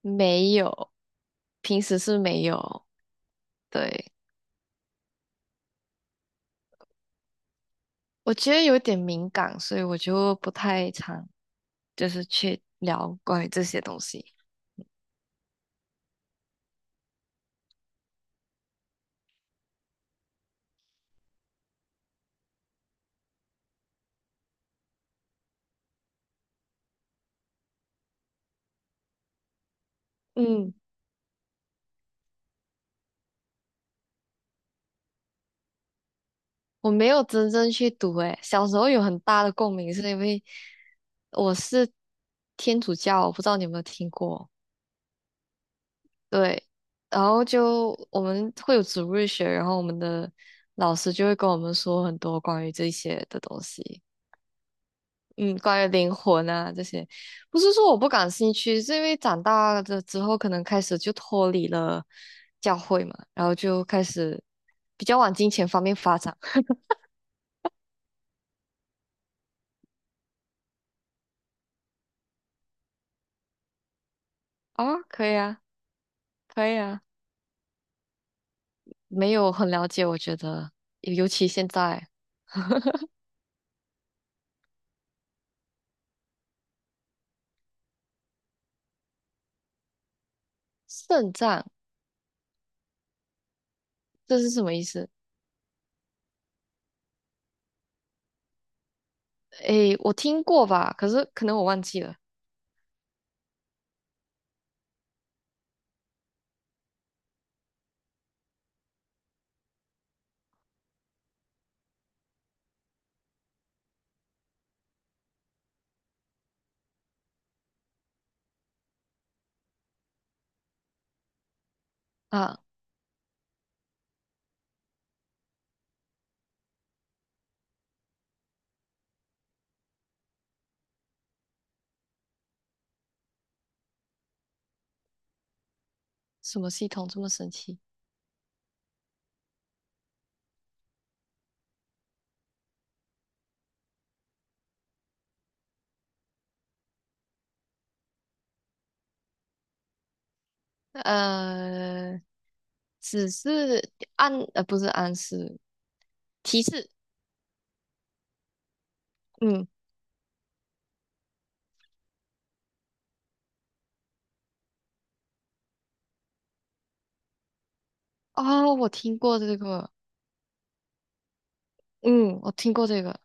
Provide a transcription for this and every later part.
没有，平时是没有。对，我觉得有点敏感，所以我就不太常去聊关于这些东西。嗯，我没有真正去读，诶，小时候有很大的共鸣，是因为我是天主教，我不知道你有没有听过。对，然后我们会有主日学，然后我们的老师就会跟我们说很多关于这些的东西。嗯，关于灵魂啊这些，不是说我不感兴趣，是因为长大了之后，可能开始就脱离了教会嘛，然后就开始比较往金钱方面发展。哦，可以啊。可以啊，没有很了解，我觉得，尤其现在肾脏。这是什么意思？诶，我听过吧，可是可能我忘记了。啊，什么系统这么神奇？呃，只是暗，不是暗示，提示。嗯。哦，我听过这个。嗯，我听过这个。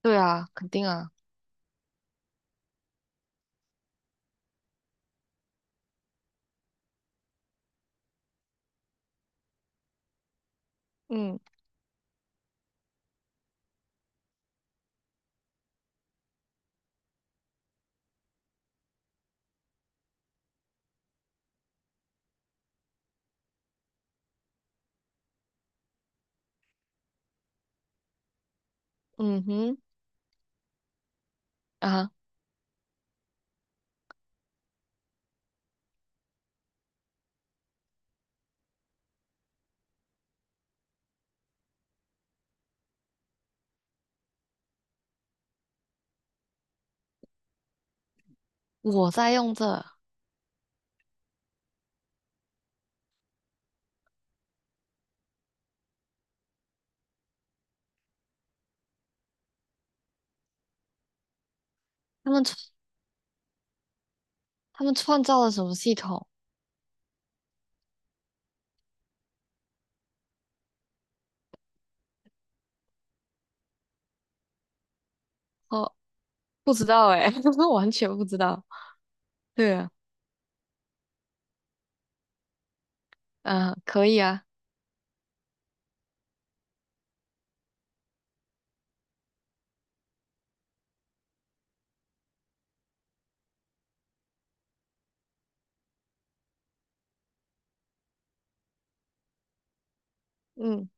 对啊，肯定啊。嗯。嗯哼。啊，我在用这，他们创他们创造了什么系统？哦，不知道哎，完全不知道。对啊。嗯，可以啊。嗯，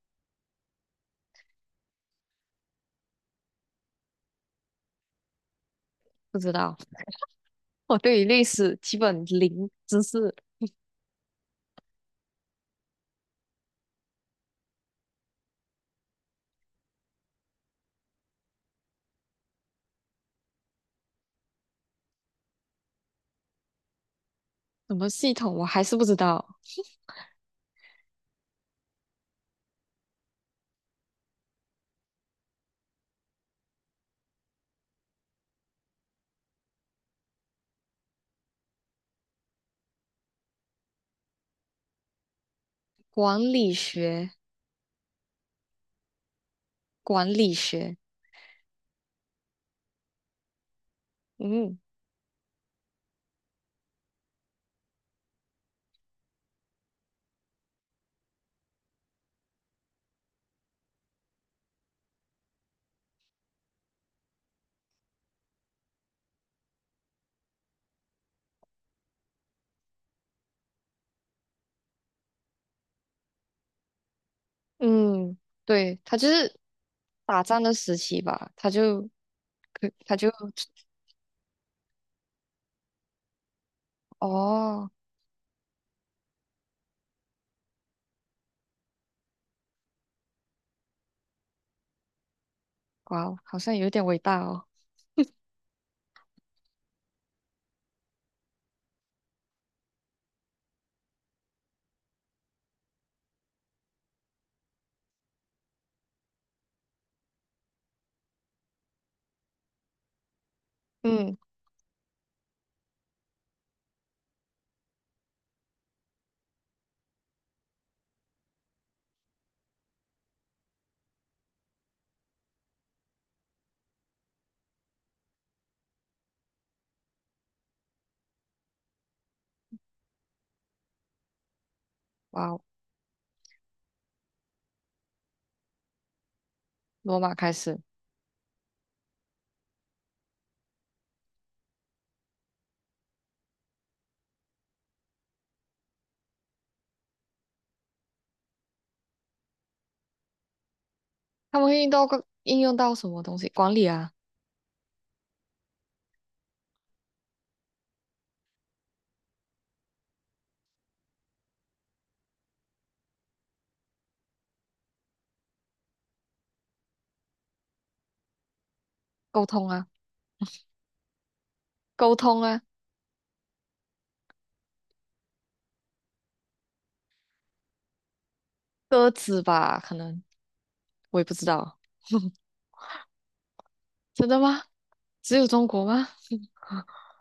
不知道，我对于历史基本零知识。什么系统我还是不知道。管理学。管理学。嗯。嗯，对，他就是打仗的时期吧，他就，可他就。哦。哇哦，好像有点伟大哦。嗯。哇哦，罗马开始。他们会用到个应用到什么东西？管理啊。沟通啊。沟通啊。鸽子吧，可能我也不知道。真的吗？只有中国吗？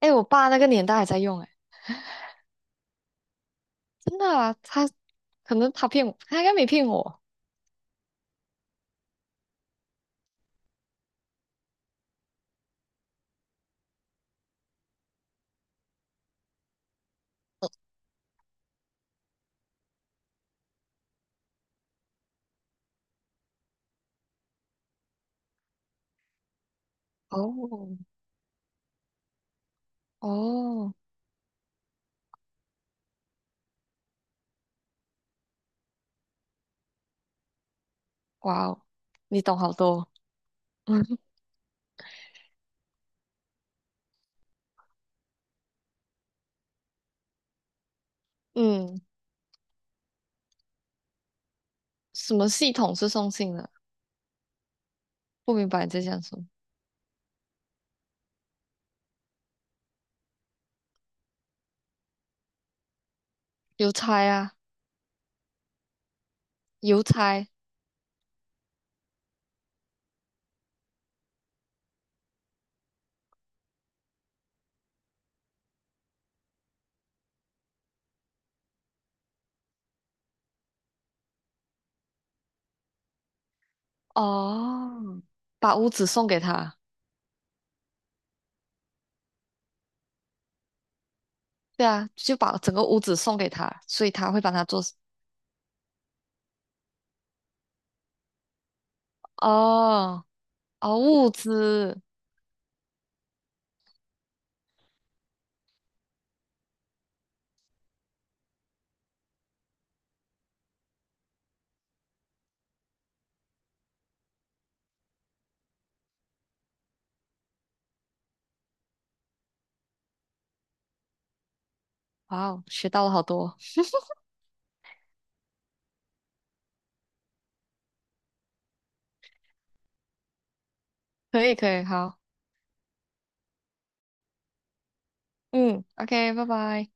哎，我爸那个年代还在用，哎，真的啊，他可能他骗我，他应该没骗我。哦哦。哇哦，你懂好多。嗯，什么系统是送信的？不明白你在讲什么。邮差啊。邮差。哦，把屋子送给他。对啊，就把整个屋子送给他，所以他会帮他做。哦。哦，物资。哇哦，学到了好多。可以可以，好。嗯。OK，拜拜。